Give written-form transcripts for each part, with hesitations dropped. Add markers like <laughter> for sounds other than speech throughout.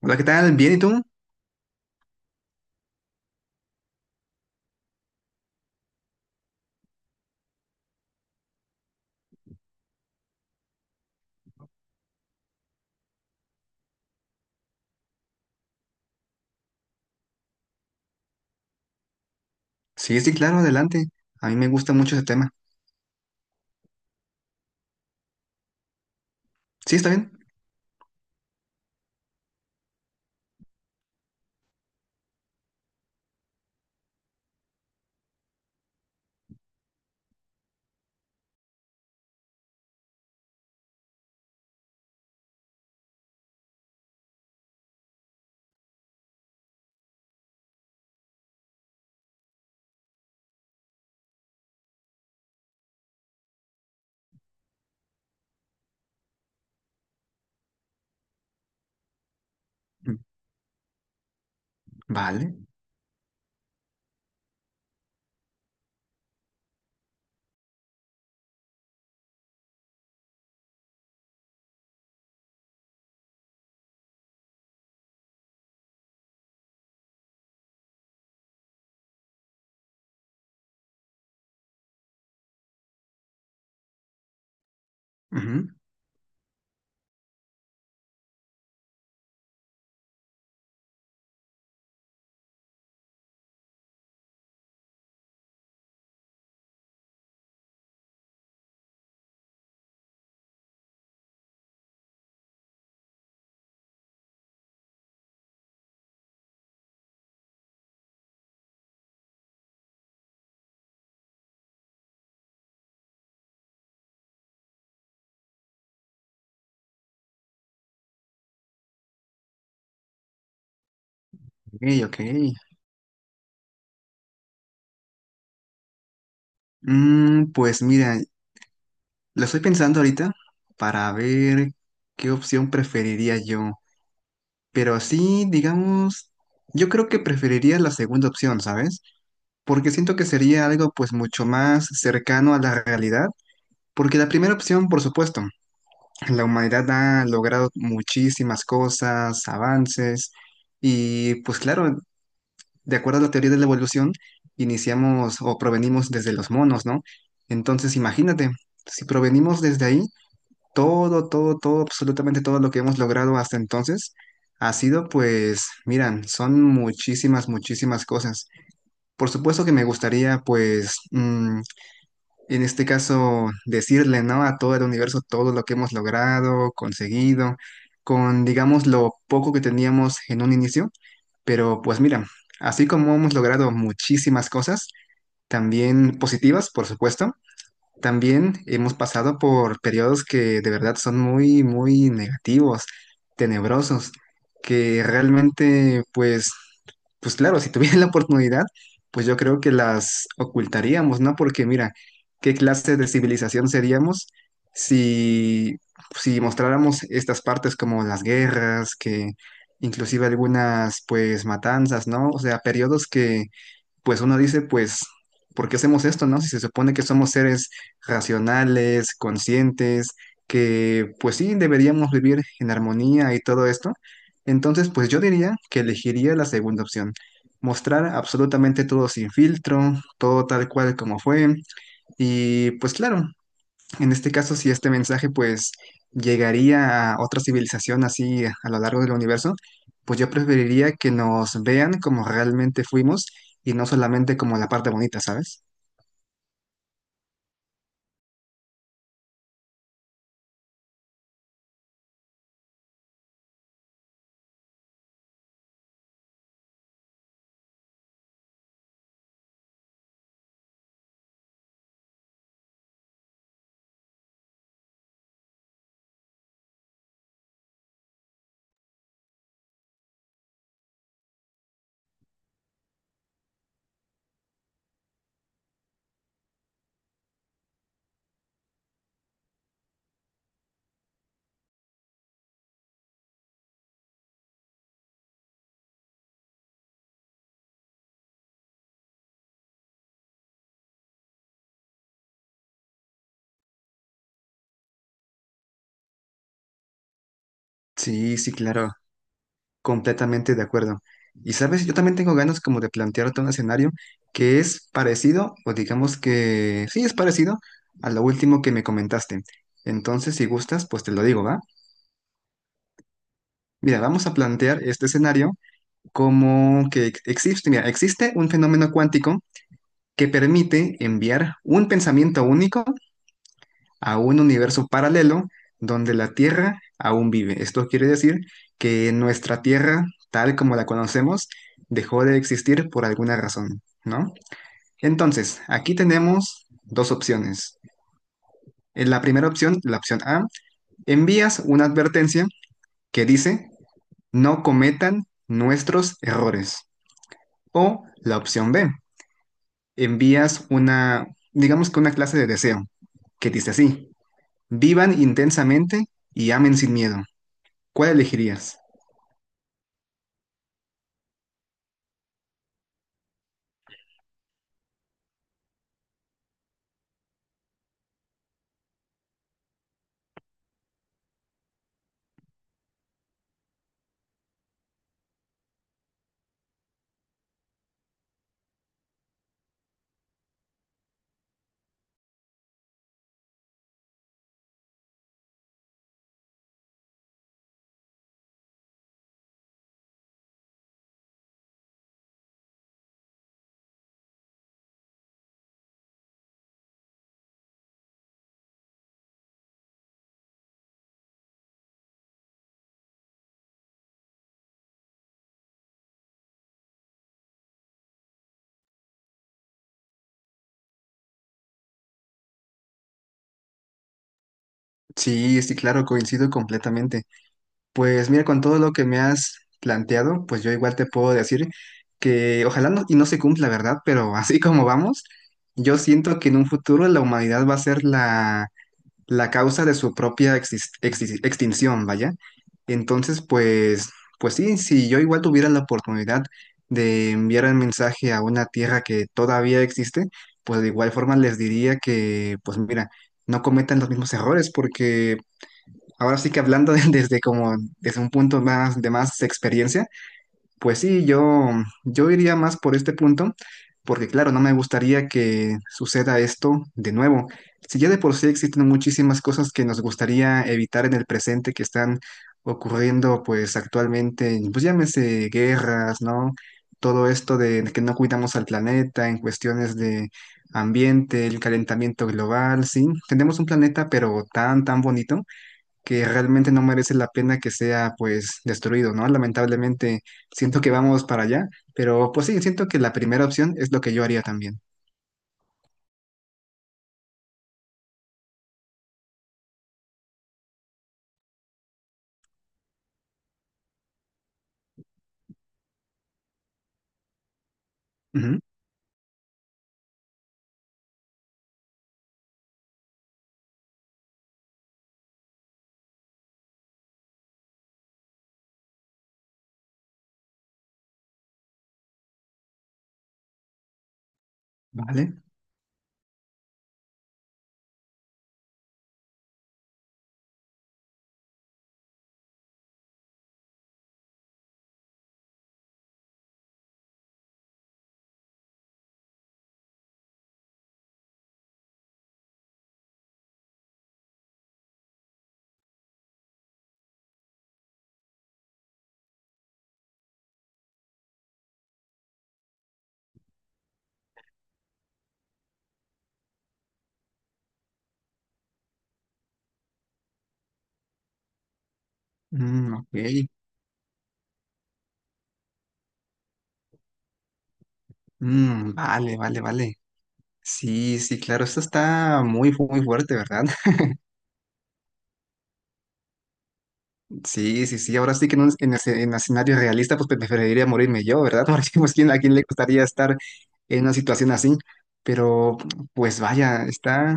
Hola, ¿qué tal? ¿Bien y tú? Sí, sí, claro, adelante. A mí me gusta mucho ese tema. ¿Sí, está bien? Mm, Vale. Ujú. Ok, ok. Pues mira, lo estoy pensando ahorita para ver qué opción preferiría yo. Pero sí, digamos, yo creo que preferiría la segunda opción, ¿sabes? Porque siento que sería algo pues mucho más cercano a la realidad. Porque la primera opción, por supuesto. La humanidad ha logrado muchísimas cosas, avances, y pues claro, de acuerdo a la teoría de la evolución, iniciamos o provenimos desde los monos, ¿no? Entonces imagínate, si provenimos desde ahí, todo, absolutamente todo lo que hemos logrado hasta entonces ha sido pues, miran, son muchísimas, muchísimas cosas. Por supuesto que me gustaría pues en este caso, decirle, ¿no? A todo el universo todo lo que hemos logrado, conseguido, con, digamos, lo poco que teníamos en un inicio. Pero pues mira, así como hemos logrado muchísimas cosas, también positivas, por supuesto, también hemos pasado por periodos que de verdad son muy, muy negativos, tenebrosos, que realmente, pues, pues claro, si tuviera <laughs> la oportunidad, pues yo creo que las ocultaríamos, ¿no? Porque mira, ¿qué clase de civilización seríamos si, si mostráramos estas partes como las guerras, que inclusive algunas, pues, matanzas, ¿no? O sea, periodos que pues uno dice, pues, ¿por qué hacemos esto, no? Si se supone que somos seres racionales, conscientes, que pues sí, deberíamos vivir en armonía y todo esto. Entonces, pues yo diría que elegiría la segunda opción. Mostrar absolutamente todo sin filtro, todo tal cual como fue. Y pues claro, en este caso, si este mensaje pues llegaría a otra civilización así a lo largo del universo, pues yo preferiría que nos vean como realmente fuimos y no solamente como la parte bonita, ¿sabes? Sí, sí, claro, completamente de acuerdo. Y sabes, yo también tengo ganas como de plantearte un escenario que es parecido, o digamos que sí es parecido a lo último que me comentaste. Entonces, si gustas, pues te lo digo, ¿va? Mira, vamos a plantear este escenario como que existe, mira, existe un fenómeno cuántico que permite enviar un pensamiento único a un universo paralelo donde la Tierra aún vive. Esto quiere decir que nuestra Tierra, tal como la conocemos, dejó de existir por alguna razón, ¿no? Entonces, aquí tenemos dos opciones. En la primera opción, la opción A, envías una advertencia que dice, no cometan nuestros errores. O la opción B. Envías una, digamos que una clase de deseo, que dice así, vivan intensamente y amen sin miedo. ¿Cuál elegirías? Sí, sí, claro, coincido completamente. Pues mira, con todo lo que me has planteado, pues yo igual te puedo decir que ojalá no, y no se cumpla, ¿verdad? Pero <laughs> así como vamos, yo siento que en un futuro la humanidad va a ser la causa de su propia exis- exis- extinción, vaya. Entonces, pues, pues sí, si yo igual tuviera la oportunidad de enviar el mensaje a una tierra que todavía existe, pues de igual forma les diría que, pues mira, no cometan los mismos errores, porque ahora sí que hablando <laughs> desde como desde un punto más de más experiencia, pues sí, yo iría más por este punto, porque claro, no me gustaría que suceda esto de nuevo. Si ya de por sí existen muchísimas cosas que nos gustaría evitar en el presente que están ocurriendo pues actualmente, pues llámese guerras, ¿no? Todo esto de que no cuidamos al planeta en cuestiones de ambiente, el calentamiento global, sí, tenemos un planeta pero tan, tan bonito que realmente no merece la pena que sea pues destruido, ¿no? Lamentablemente siento que vamos para allá, pero pues sí, siento que la primera opción es lo que yo haría también. Ujú. Vale. Ok. Vale, vale, vale. Sí, sí, claro, esto está muy, fu- muy fuerte, ¿verdad? <laughs> Sí, sí, sí, ahora sí que en un en esce- en escenario realista pues pe- preferiría morirme yo, ¿verdad? <laughs> Porque pues ¿quién- a quién le gustaría estar en una situación así, pero pues vaya, está...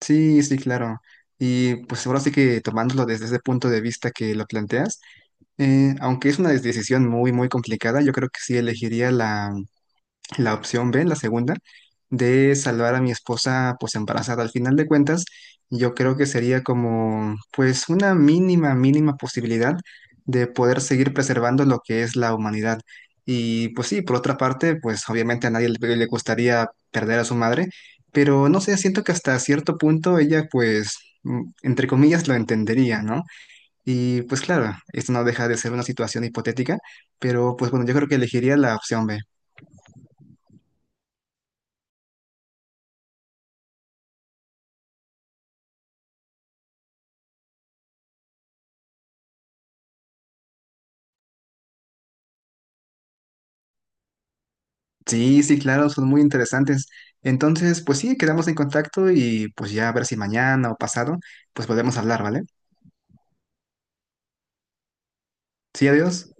Sí, sí, claro. Y pues ahora sí que tomándolo desde ese punto de vista que lo planteas, aunque es una des- decisión muy, muy complicada, yo creo que sí elegiría la opción B, la segunda, de salvar a mi esposa pues embarazada. Al final de cuentas, yo creo que sería como pues una mínima, mínima posibilidad de poder seguir preservando lo que es la humanidad. Y pues sí, por otra parte, pues obviamente a nadie le gustaría perder a su madre, pero no sé, siento que hasta cierto punto ella pues... entre comillas, lo entendería, ¿no? Y pues claro, esto no deja de ser una situación hipotética, pero pues bueno, yo creo que elegiría la opción B. Sí, sí, claro, son muy interesantes. Entonces, pues sí, quedamos en contacto y pues ya a ver si mañana o pasado, pues podemos hablar, ¿vale? Sí, adiós.